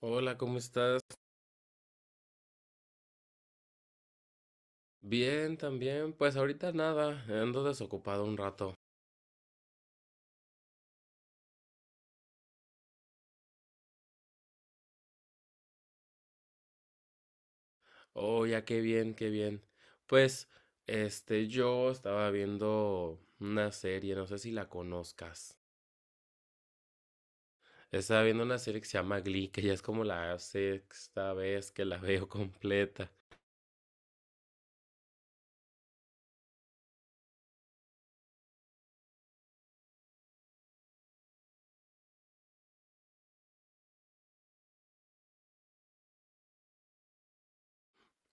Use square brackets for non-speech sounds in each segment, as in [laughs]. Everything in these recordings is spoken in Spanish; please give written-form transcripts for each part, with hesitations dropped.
Hola, ¿cómo estás? Bien, también. Pues ahorita nada, ando desocupado un rato. Oh, ya qué bien, qué bien. Pues, yo estaba viendo una serie, no sé si la conozcas. Estaba viendo una serie que se llama Glee, que ya es como la sexta vez que la veo [laughs] completa.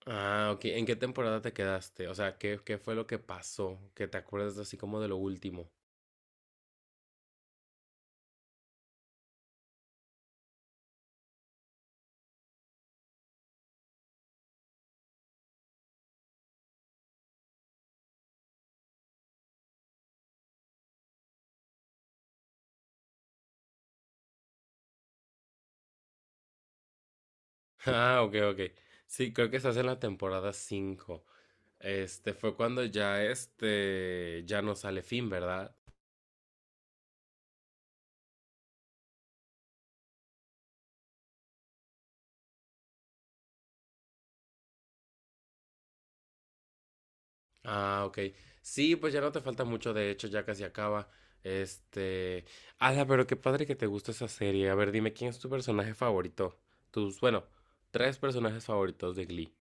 Ah, ok. ¿En qué temporada te quedaste? O sea, ¿qué fue lo que pasó? Que te acuerdas así como de lo último. [laughs] Ah, ok, ok. Sí, creo que estás en la temporada 5. Este fue cuando ya ya no sale Finn, ¿verdad? Ah, ok. Sí, pues ya no te falta mucho, de hecho, ya casi acaba. Este, Ala, pero qué padre que te gusta esa serie. A ver, dime quién es tu personaje favorito. Tus, bueno, tres personajes favoritos de Glee.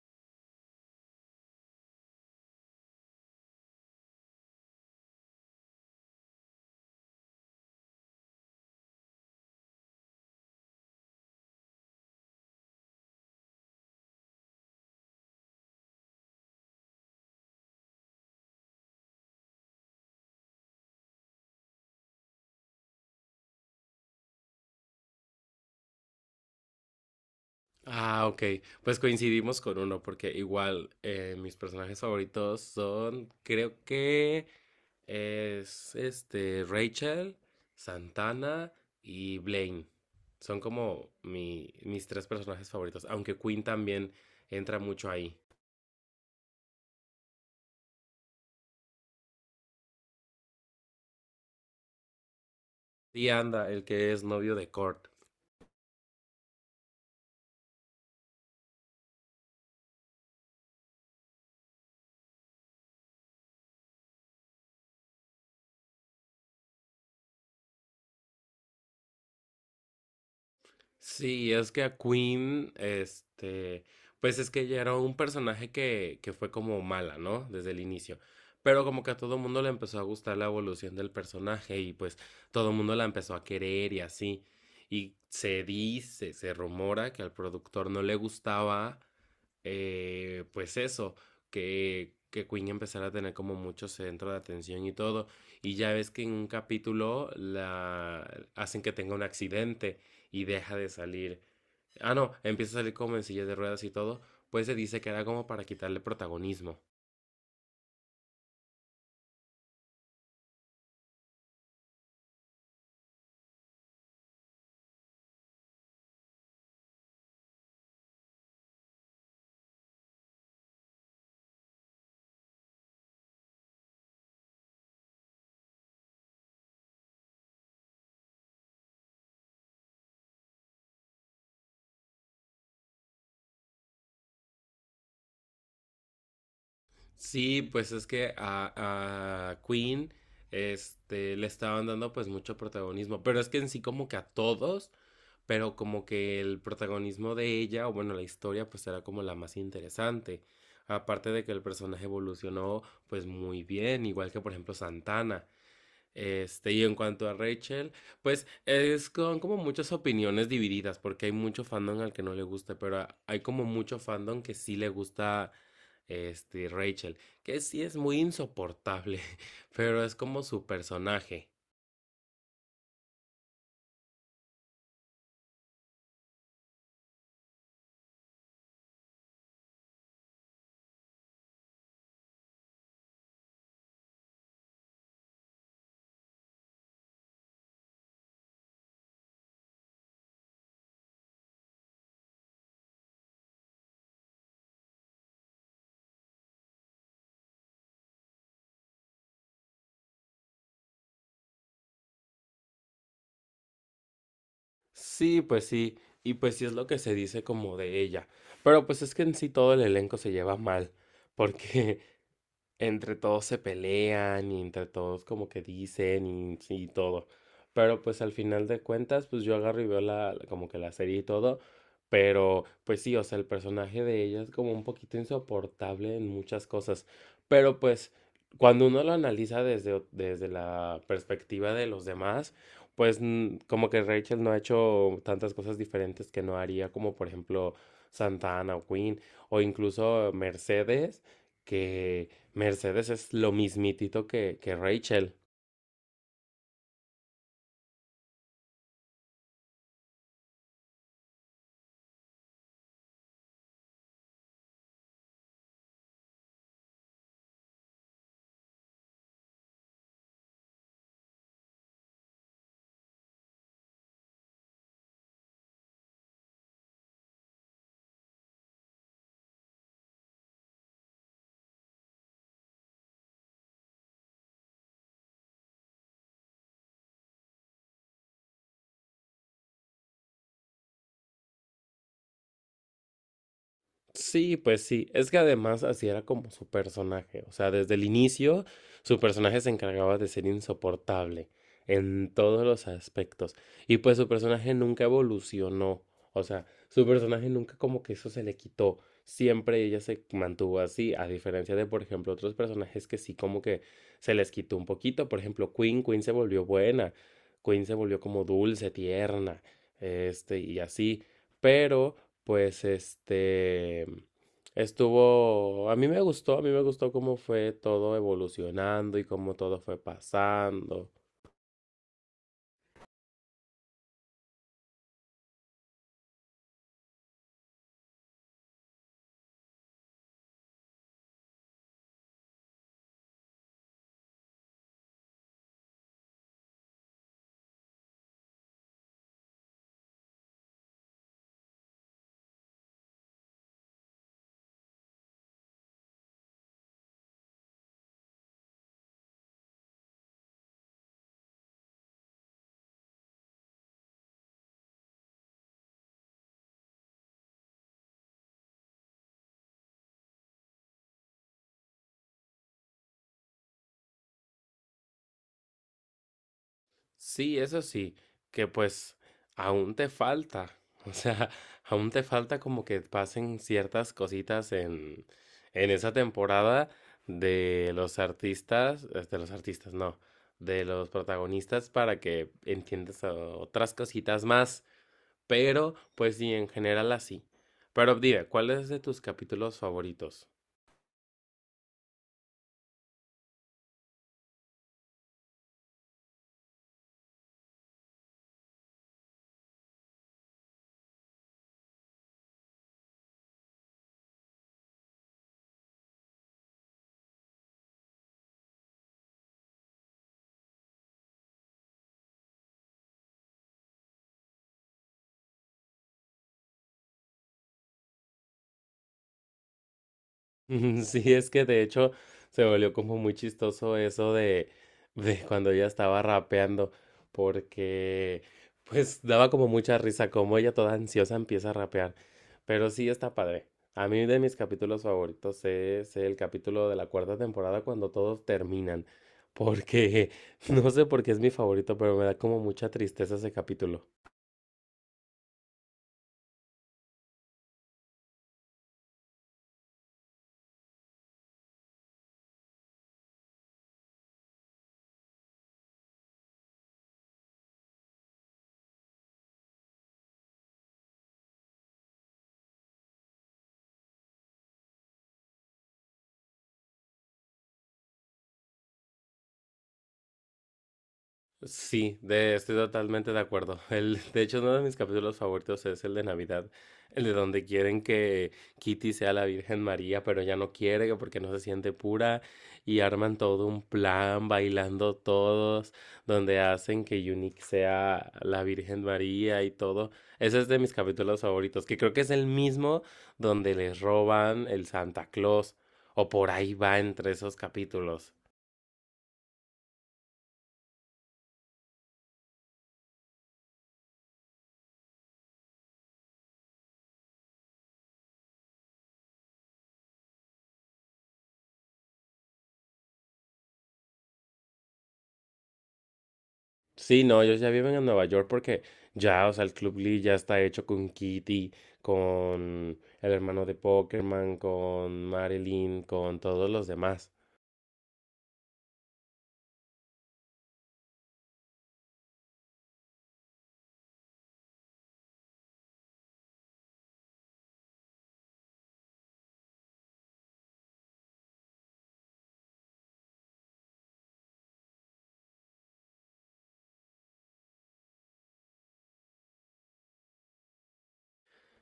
Ah, ok. Pues coincidimos con uno, porque igual mis personajes favoritos son, creo que es este Rachel, Santana y Blaine. Son como mis tres personajes favoritos, aunque Quinn también entra mucho ahí. Y anda, el que es novio de Kurt. Sí, es que a Queen, pues es que ella era un personaje que fue como mala, ¿no? Desde el inicio. Pero como que a todo mundo le empezó a gustar la evolución del personaje y pues todo el mundo la empezó a querer y así. Y se dice, se rumora que al productor no le gustaba, pues eso, que Queen empezara a tener como mucho centro de atención y todo. Y ya ves que en un capítulo la hacen que tenga un accidente y deja de salir. Ah, no, empieza a salir como en silla de ruedas y todo. Pues se dice que era como para quitarle protagonismo. Sí, pues es que a Queen le estaban dando pues mucho protagonismo, pero es que en sí como que a todos, pero como que el protagonismo de ella, o bueno, la historia pues era como la más interesante. Aparte de que el personaje evolucionó pues muy bien, igual que por ejemplo Santana. Y en cuanto a Rachel, pues es con como muchas opiniones divididas, porque hay mucho fandom al que no le gusta, pero hay como mucho fandom que sí le gusta este Rachel, que sí es muy insoportable, [laughs] pero es como su personaje. Sí, pues sí, y pues sí es lo que se dice como de ella. Pero pues es que en sí todo el elenco se lleva mal, porque entre todos se pelean y entre todos como que dicen y todo. Pero pues al final de cuentas, pues yo agarro y veo la, como que la serie y todo. Pero pues sí, o sea, el personaje de ella es como un poquito insoportable en muchas cosas. Pero pues cuando uno lo analiza desde, desde la perspectiva de los demás, pues como que Rachel no ha hecho tantas cosas diferentes que no haría, como por ejemplo Santana o Queen, o incluso Mercedes, que Mercedes es lo mismitito que Rachel. Sí, pues sí, es que además así era como su personaje, o sea, desde el inicio su personaje se encargaba de ser insoportable en todos los aspectos y pues su personaje nunca evolucionó, o sea, su personaje nunca como que eso se le quitó, siempre ella se mantuvo así, a diferencia de por ejemplo otros personajes que sí como que se les quitó un poquito, por ejemplo Queen, Queen se volvió buena, Queen se volvió como dulce, tierna, y así, pero pues estuvo, a mí me gustó, a mí me gustó cómo fue todo evolucionando y cómo todo fue pasando. Sí, eso sí, que pues aún te falta, [laughs] o sea, aún te falta como que pasen ciertas cositas en, esa temporada de los artistas, no, de los protagonistas para que entiendas otras cositas más. Pero, pues sí, en general así. Pero dime, ¿cuál es de tus capítulos favoritos? [laughs] Sí, es que de hecho se volvió como muy chistoso eso de cuando ella estaba rapeando, porque pues daba como mucha risa, como ella toda ansiosa empieza a rapear. Pero sí está padre. A mí de mis capítulos favoritos es el capítulo de la cuarta temporada cuando todos terminan, porque [laughs] no sé por qué es mi favorito, pero me da como mucha tristeza ese capítulo. Sí, estoy totalmente de acuerdo. [laughs] De hecho, uno de mis capítulos favoritos es el de Navidad, el de donde quieren que Kitty sea la Virgen María, pero ella no quiere que porque no se siente pura y arman todo un plan bailando todos, donde hacen que Unique sea la Virgen María y todo. Ese es de mis capítulos favoritos, que creo que es el mismo donde les roban el Santa Claus, o por ahí va entre esos capítulos. Sí, no, ellos ya viven en Nueva York porque ya, o sea, el Club Lee ya está hecho con Kitty, con el hermano de Pokémon, con Marilyn, con todos los demás.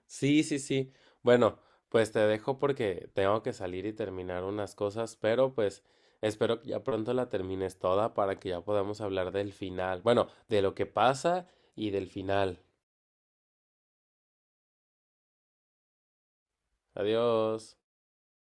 Sí, sí, sí. Bueno, pues te dejo porque tengo que salir y terminar unas cosas, pero pues espero que ya pronto la termines toda para que ya podamos hablar del final. Bueno, de lo que pasa y del final. Adiós.